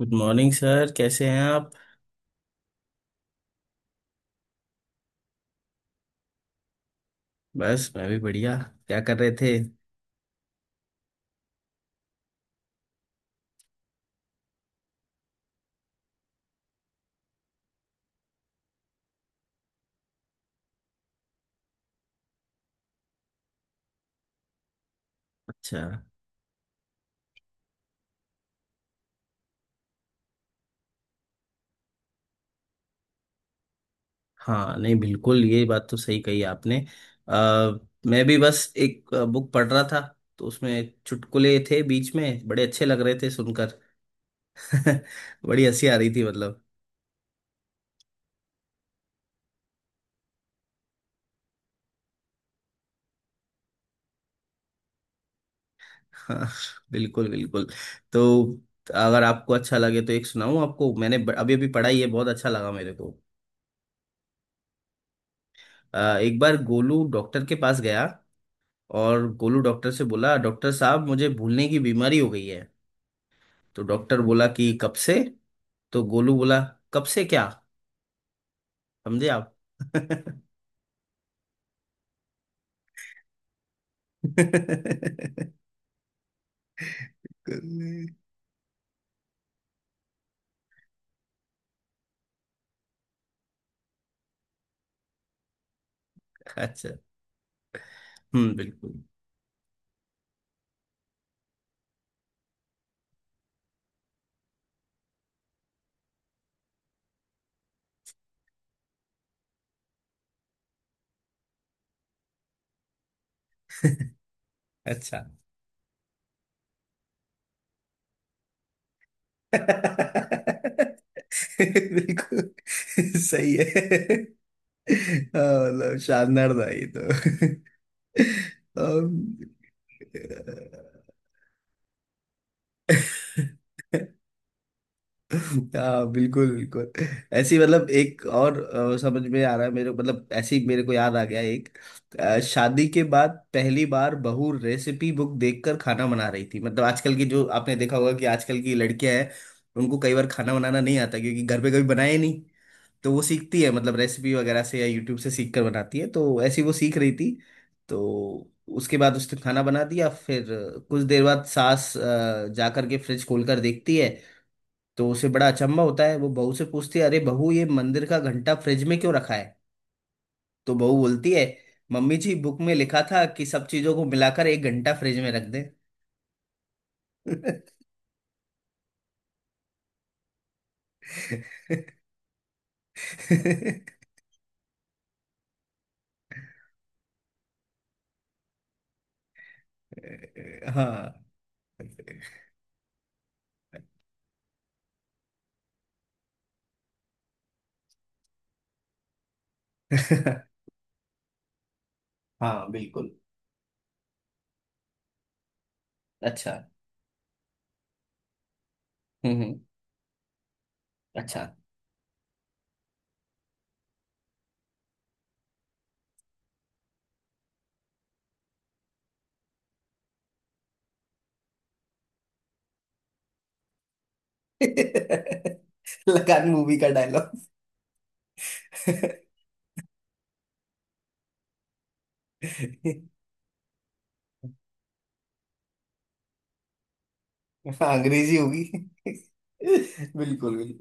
Good morning sir, कैसे हैं आप। बस मैं भी बढ़िया। क्या कर रहे थे। अच्छा। हाँ नहीं, बिल्कुल ये बात तो सही कही आपने। अ, मैं भी बस एक बुक पढ़ रहा था। तो उसमें चुटकुले थे बीच में, बड़े अच्छे लग रहे थे सुनकर। बड़ी हंसी आ रही थी मतलब। हाँ, बिल्कुल बिल्कुल। तो अगर आपको अच्छा लगे तो एक सुनाऊं आपको, मैंने अभी अभी पढ़ा ही है, बहुत अच्छा लगा मेरे को। एक बार गोलू डॉक्टर के पास गया और गोलू डॉक्टर से बोला, डॉक्टर साहब मुझे भूलने की बीमारी हो गई है। तो डॉक्टर बोला कि कब से। तो गोलू बोला, कब से क्या। समझे आप। अच्छा। हम्म, बिल्कुल। अच्छा। बिल्कुल। सही है। हाँ, मतलब शानदार था ये तो। अम्म, हाँ बिल्कुल बिल्कुल। ऐसी मतलब एक और, समझ में आ रहा है मेरे, मतलब ऐसी मेरे को याद आ गया एक। शादी के बाद पहली बार बहू रेसिपी बुक देखकर खाना बना रही थी, मतलब आजकल की, जो आपने देखा होगा कि आजकल की लड़कियां हैं, उनको कई बार खाना बनाना नहीं आता, क्योंकि घर पे कभी बनाए नहीं। तो वो सीखती है, मतलब रेसिपी वगैरह से या यूट्यूब से सीख कर बनाती है, तो ऐसी वो सीख रही थी। तो उसके बाद उसने खाना बना दिया, फिर कुछ देर बाद सास जा करके फ्रिज खोल कर देखती है, तो उसे बड़ा अचंभा होता है। वो बहू से पूछती है, अरे बहू, ये मंदिर का घंटा फ्रिज में क्यों रखा है। तो बहू बोलती है, मम्मी जी, बुक में लिखा था कि सब चीजों को मिलाकर एक घंटा फ्रिज में रख दें। हाँ। हाँ बिल्कुल। अच्छा। हम्म हम्म। अच्छा। लगान मूवी का डायलॉग। हाँ, अंग्रेजी होगी। बिल्कुल बिल्कुल।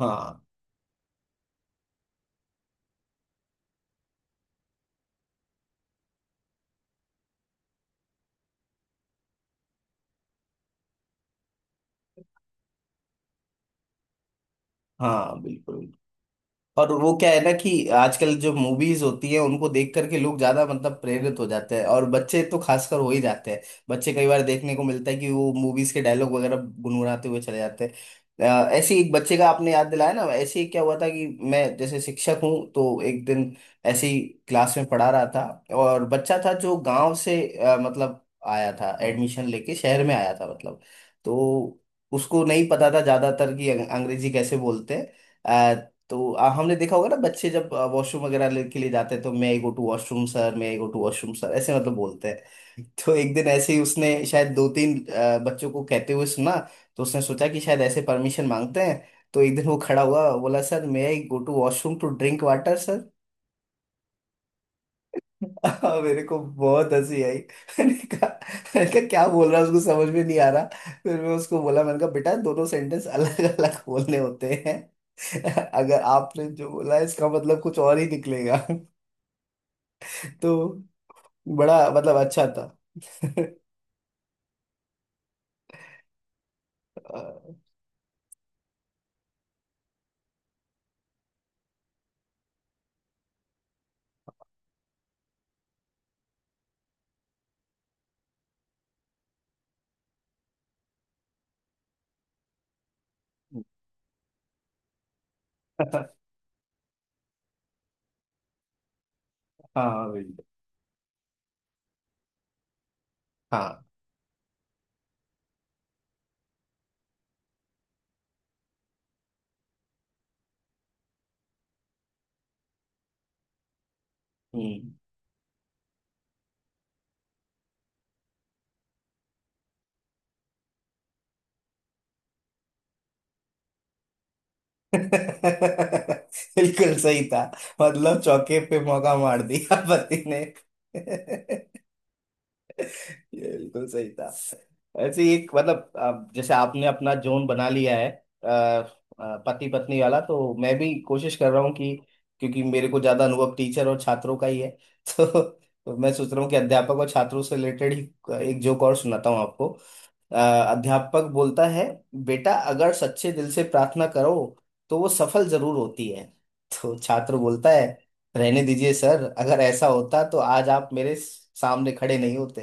हाँ हाँ, बिल्कुल। और वो क्या है ना कि आजकल जो मूवीज होती है उनको देख करके लोग ज्यादा मतलब प्रेरित हो जाते हैं, और बच्चे तो खासकर हो ही जाते हैं। बच्चे, कई बार देखने को मिलता है कि वो मूवीज के डायलॉग वगैरह गुनगुनाते हुए चले जाते हैं। ऐसे ही एक बच्चे का आपने याद दिलाया ना, ऐसे ही क्या हुआ था कि मैं जैसे शिक्षक हूँ, तो एक दिन ऐसे ही क्लास में पढ़ा रहा था, और बच्चा था जो गांव से, मतलब आया था एडमिशन लेके शहर में आया था मतलब। तो उसको नहीं पता था ज्यादातर कि अंग्रेजी कैसे बोलते हैं। तो हमने देखा होगा ना बच्चे जब वॉशरूम वगैरह के लिए जाते हैं, तो मैं I go to washroom sir, मैं I go to washroom sir, ऐसे मतलब बोलते हैं। तो एक दिन ऐसे ही उसने शायद दो तीन बच्चों को कहते हुए सुना, तो उसने सोचा कि शायद ऐसे परमिशन मांगते हैं। तो एक दिन वो खड़ा हुआ, बोला, सर मैं I go to washroom to drink water. हाँ, मेरे को बहुत हंसी आई। मैंने कहा, मैंने कहा क्या बोल रहा है, उसको समझ में नहीं आ रहा। फिर मैं उसको बोला, मैंने कहा बेटा दोनों सेंटेंस अलग अलग बोलने होते हैं। अगर आपने जो बोला है, इसका मतलब कुछ और ही निकलेगा। तो बड़ा मतलब अच्छा था। हाँ बिल्कुल। हाँ। हम्म। बिल्कुल सही था। मतलब चौके पे मौका मार दिया पति ने। ये बिल्कुल सही था। ऐसे ही एक, मतलब अब जैसे आपने अपना जोन बना लिया है पति पत्नी वाला, तो मैं भी कोशिश कर रहा हूँ कि, क्योंकि मेरे को ज्यादा अनुभव टीचर और छात्रों का ही है। तो मैं सोच रहा हूँ कि अध्यापक और छात्रों से रिलेटेड ही एक जोक और सुनाता हूँ आपको। अ, अध्यापक बोलता है, बेटा अगर सच्चे दिल से प्रार्थना करो तो वो सफल जरूर होती है। तो छात्र बोलता है, रहने दीजिए सर, अगर ऐसा होता तो आज आप मेरे सामने खड़े नहीं होते।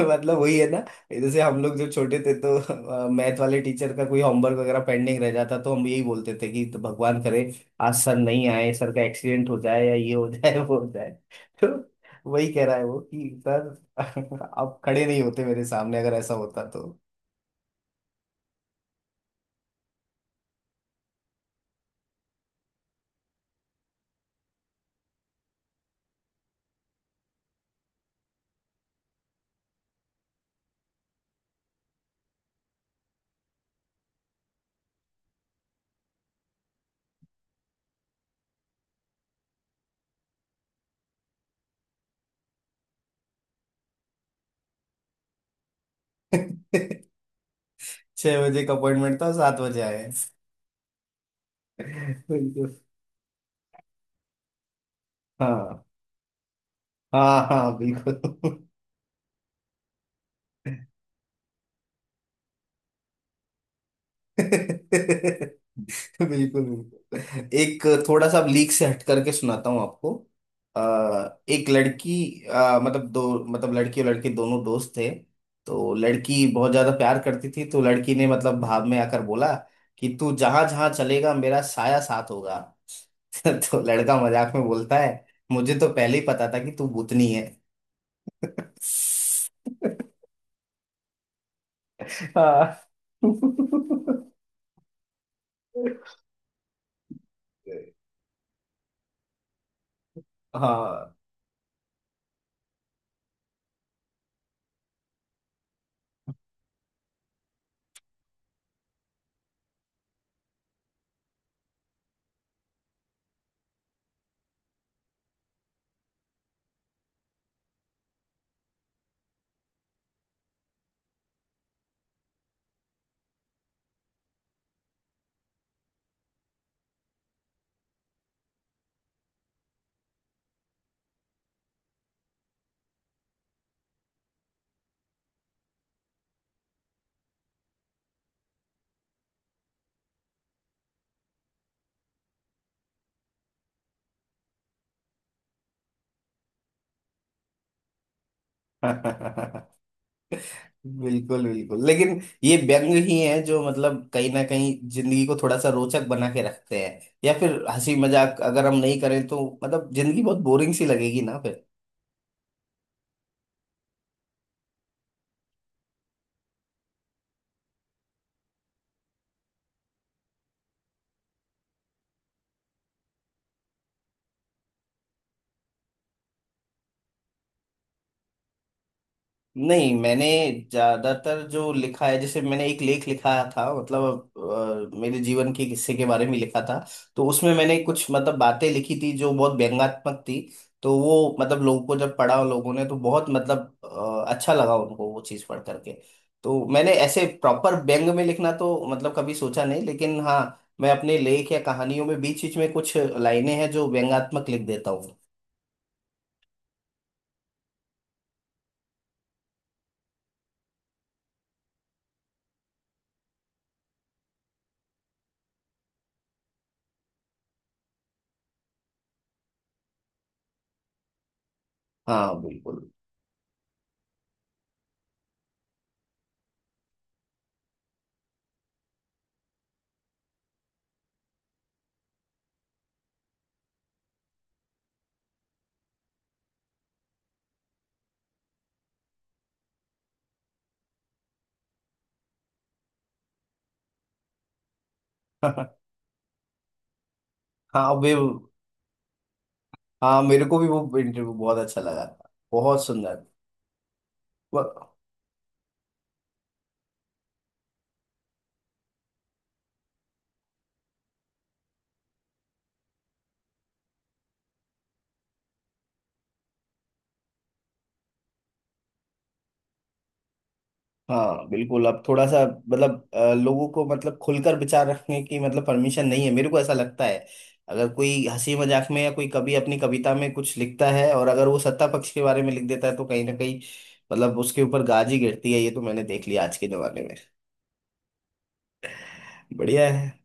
मतलब वही है ना, जैसे हम लोग जब छोटे थे तो मैथ वाले टीचर का कोई होमवर्क वगैरह पेंडिंग रह जाता, तो हम यही बोलते थे कि तो भगवान करे आज सर नहीं आए, सर का एक्सीडेंट हो जाए या ये हो जाए, वो हो जाए। तो वही कह रहा है वो कि सर, आप खड़े नहीं होते मेरे सामने अगर ऐसा होता तो। छह बजे का अपॉइंटमेंट था, सात बजे आए। बिल्कुल। हाँ हाँ। हाँ बिल्कुल। बिल्कुल बिल्कुल। एक थोड़ा सा लीक से हट करके सुनाता हूँ आपको। अ, एक लड़की, मतलब दो, मतलब लड़की और लड़के दोनों दोस्त थे। तो लड़की बहुत ज्यादा प्यार करती थी, तो लड़की ने मतलब भाव में आकर बोला कि तू जहां जहां चलेगा मेरा साया साथ होगा। तो लड़का मजाक में बोलता है, मुझे तो पहले ही पता था कि तू भूतनी है। हाँ। हाँ। बिल्कुल बिल्कुल, लेकिन ये व्यंग ही हैं जो मतलब कहीं ना कहीं जिंदगी को थोड़ा सा रोचक बना के रखते हैं। या फिर हंसी मजाक अगर हम नहीं करें तो मतलब जिंदगी बहुत बोरिंग सी लगेगी ना। नहीं मैंने ज्यादातर जो लिखा है, जैसे मैंने एक लेख लिखा था, मतलब मेरे जीवन के किस्से के बारे में लिखा था। तो उसमें मैंने कुछ मतलब बातें लिखी थी जो बहुत व्यंग्यात्मक थी। तो वो, मतलब लोगों को जब पढ़ा लोगों ने तो बहुत मतलब अच्छा लगा उनको वो चीज़ पढ़ करके। तो मैंने ऐसे प्रॉपर व्यंग में लिखना तो मतलब कभी सोचा नहीं, लेकिन हाँ, मैं अपने लेख या कहानियों में बीच बीच में कुछ लाइनें हैं जो व्यंग्यात्मक लिख देता हूँ। हाँ बिल्कुल। हाँ वे। हाँ, मेरे को भी वो इंटरव्यू बहुत अच्छा लगा था, बहुत सुंदर। व- हाँ बिल्कुल। अब थोड़ा सा मतलब, लोगों को मतलब खुलकर विचार रखने की मतलब परमिशन नहीं है, मेरे को ऐसा लगता है। अगर कोई हंसी मजाक में या कोई कवि अपनी कविता में कुछ लिखता है, और अगर वो सत्ता पक्ष के बारे में लिख देता है, तो कहीं ना कहीं मतलब उसके ऊपर गाजी गिरती है, ये तो मैंने देख लिया आज के जमाने में। बढ़िया है।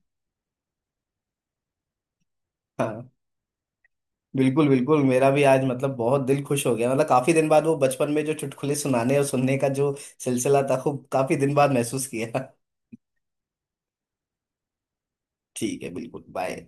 हाँ बिल्कुल बिल्कुल, मेरा भी आज मतलब बहुत दिल खुश हो गया। मतलब काफी दिन बाद वो बचपन में जो चुटकुले सुनाने और सुनने का जो सिलसिला था, खूब काफी दिन बाद महसूस किया। ठीक है, बिल्कुल, बाय।